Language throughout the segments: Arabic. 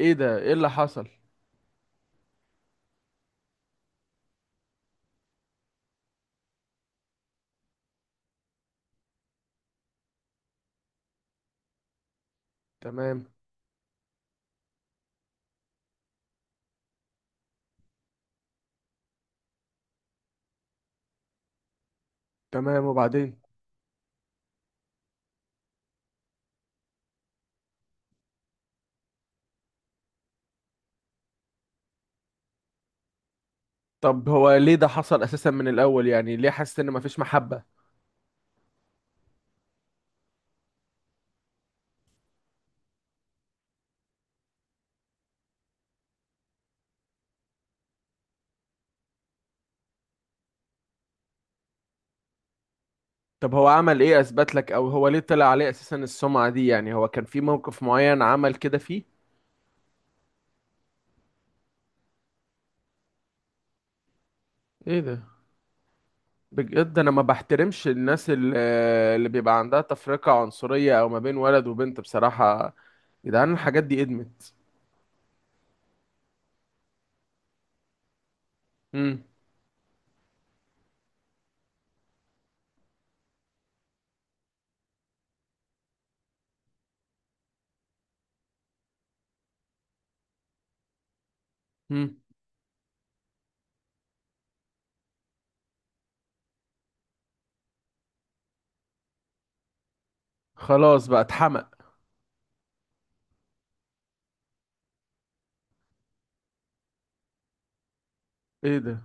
ايه ده؟ ايه اللي حصل؟ تمام. تمام، وبعدين؟ طب هو ليه ده حصل اساسا من الاول؟ يعني ليه حاسس ان مفيش محبة؟ طب هو عمل ايه اثبت لك؟ او هو ليه طلع عليه اساسا السمعة دي؟ يعني هو كان في موقف معين عمل كده فيه؟ ايه ده؟ بجد انا ما بحترمش الناس اللي بيبقى عندها تفرقة عنصرية او ما بين ولد وبنت. بصراحة يا جدعان، الحاجات دي ادمت. امم. امم. خلاص بقى، اتحمق؟ ايه ده؟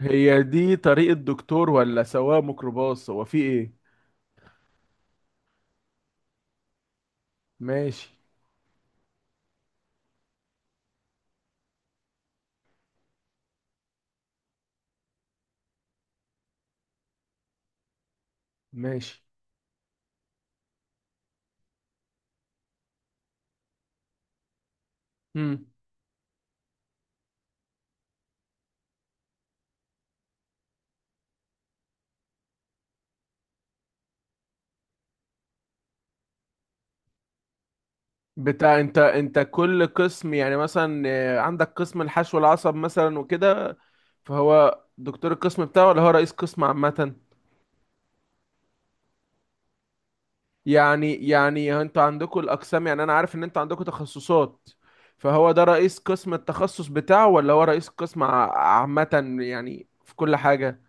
هي دي طريقة دكتور ولا سواق ميكروباص؟ هو في ايه؟ ماشي. ماشي. امم. بتاع، انت كل قسم، يعني مثلا عندك قسم الحشو العصب مثلا وكده. فهو دكتور القسم بتاعه، ولا هو رئيس قسم عامة؟ يعني انتوا عندكم الأقسام، يعني أنا عارف إن انتوا عندكم تخصصات. فهو ده رئيس قسم التخصص بتاعه، ولا هو رئيس قسم عامة، يعني في كل حاجة؟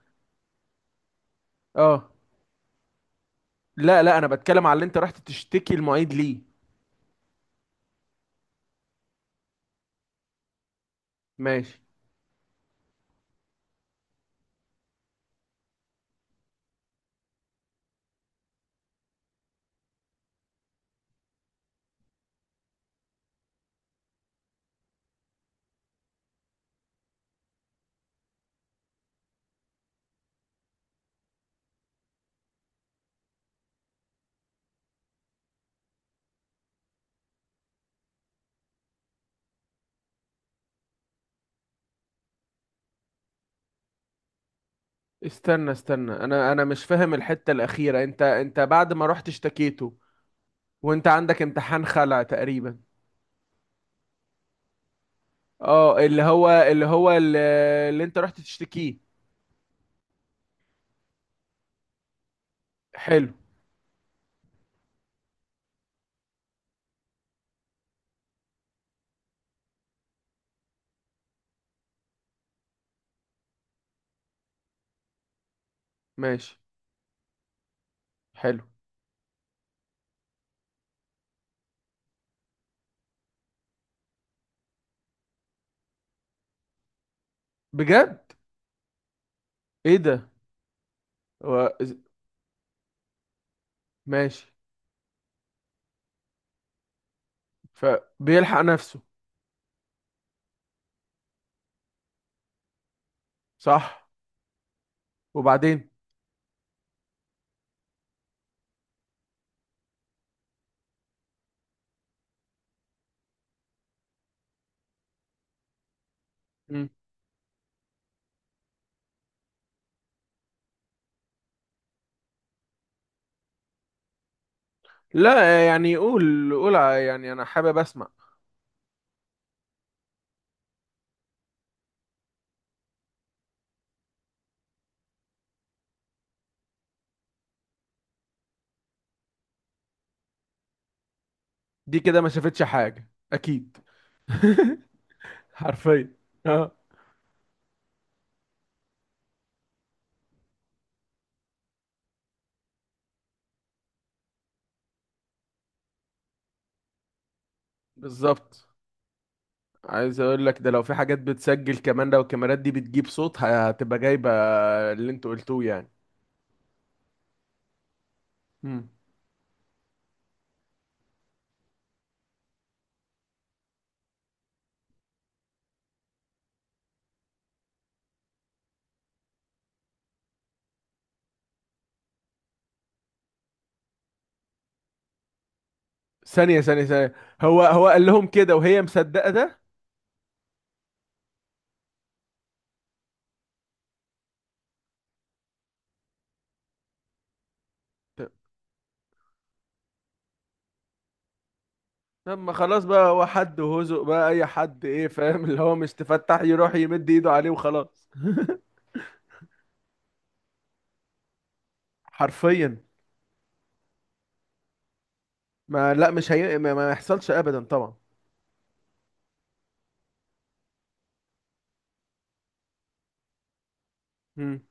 اه. لا لا، أنا بتكلم على اللي انت رحت تشتكي المعيد ليه. ماشي. استنى استنى، أنا مش فاهم الحتة الأخيرة. انت بعد ما رحت اشتكيته، وانت عندك امتحان خلع تقريبا؟ اه، اللي انت رحت تشتكيه. حلو. ماشي. حلو. بجد؟ ايه ده؟ هو إز- ماشي. فبيلحق نفسه. صح. وبعدين؟ مم. لا، يعني قول قول، يعني انا حابب اسمع. دي كده ما شافتش حاجة. اكيد. حرفيا. اه. بالظبط. عايز اقول لك ده، لو في حاجات بتسجل كمان، لو الكاميرات دي بتجيب صوت هتبقى جايبة اللي انت قلتوه يعني. مم. ثانية ثانية ثانية، هو قال لهم كده وهي مصدقة ده؟ طب ما خلاص بقى، هو حد وهزق بقى اي حد، ايه فاهم؟ اللي هو مش تفتح يروح يمد ايده عليه وخلاص. حرفيا. ما لا، مش هي، ما يحصلش ابدا طبعا. مم.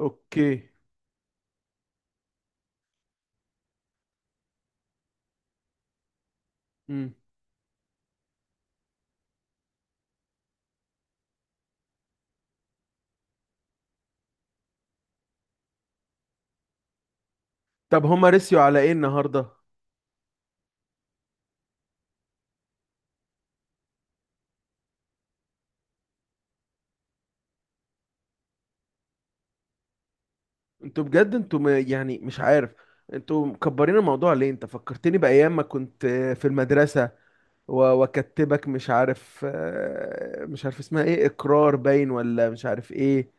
اوكي. مم. طب هما رسيوا على ايه النهارده؟ انتوا بجد، انتوا يعني مش عارف، انتوا مكبرين الموضوع ليه؟ انت فكرتني بايام ما كنت في المدرسه، واكتبك مش عارف، مش عارف اسمها ايه، اقرار باين ولا مش عارف ايه،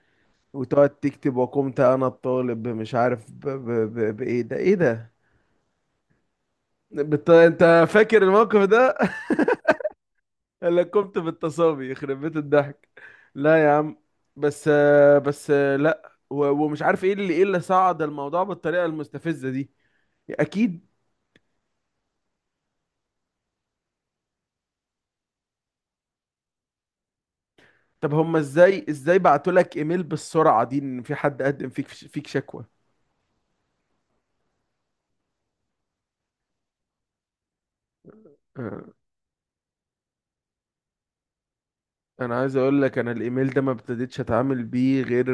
وتقعد تكتب. وقمت انا الطالب مش عارف بايه ده، ايه ده، انت فاكر الموقف ده؟ انا قمت بالتصابي، يخرب بيت الضحك. لا يا عم. بس. بس. لا، ومش عارف ايه اللي، صعد الموضوع بالطريقه المستفزه دي. اكيد. طب هما ازاي، بعتوا لك ايميل بالسرعه دي ان في حد قدم فيك شكوى؟ آه، انا عايز اقول لك، انا الايميل ده ما ابتديتش اتعامل بيه غير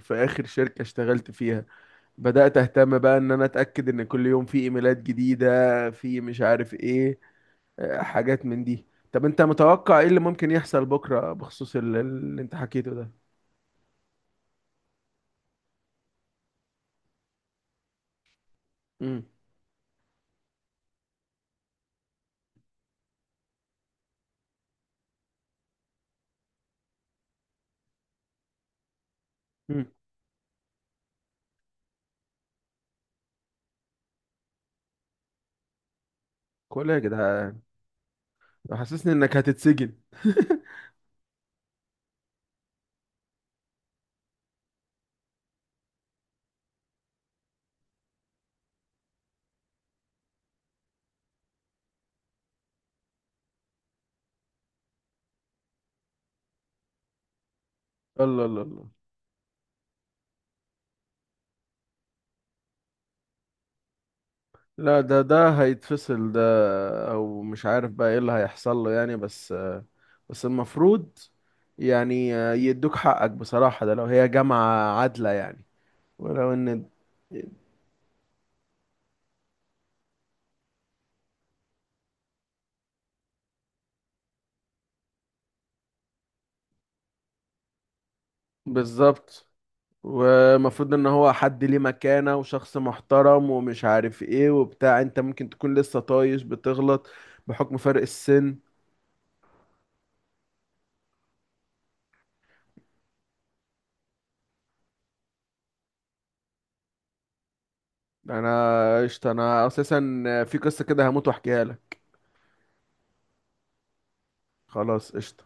في اخر شركة اشتغلت فيها. بدأت أهتم بقى إن أنا أتأكد إن كل يوم في إيميلات جديدة، في مش عارف إيه، حاجات من دي. طب أنت متوقع إيه اللي ممكن يحصل بكرة بخصوص اللي أنت حكيته ده؟ امم. امم. كل يا جدعان. حاسسني إنك هتتسجن. الله الله الله. لا، ده هيتفصل ده. أو مش عارف بقى إيه اللي هيحصل له يعني. بس، بس المفروض يعني يدوك حقك بصراحة. ده لو هي جامعة عادلة يعني. ولو إن. بالظبط. ومفروض ان هو حد ليه مكانة وشخص محترم، ومش عارف ايه وبتاع. انت ممكن تكون لسه طايش بتغلط، بحكم فرق السن. انا قشطة. انا اساسا في قصة كده هموت واحكيها لك. خلاص، قشطة.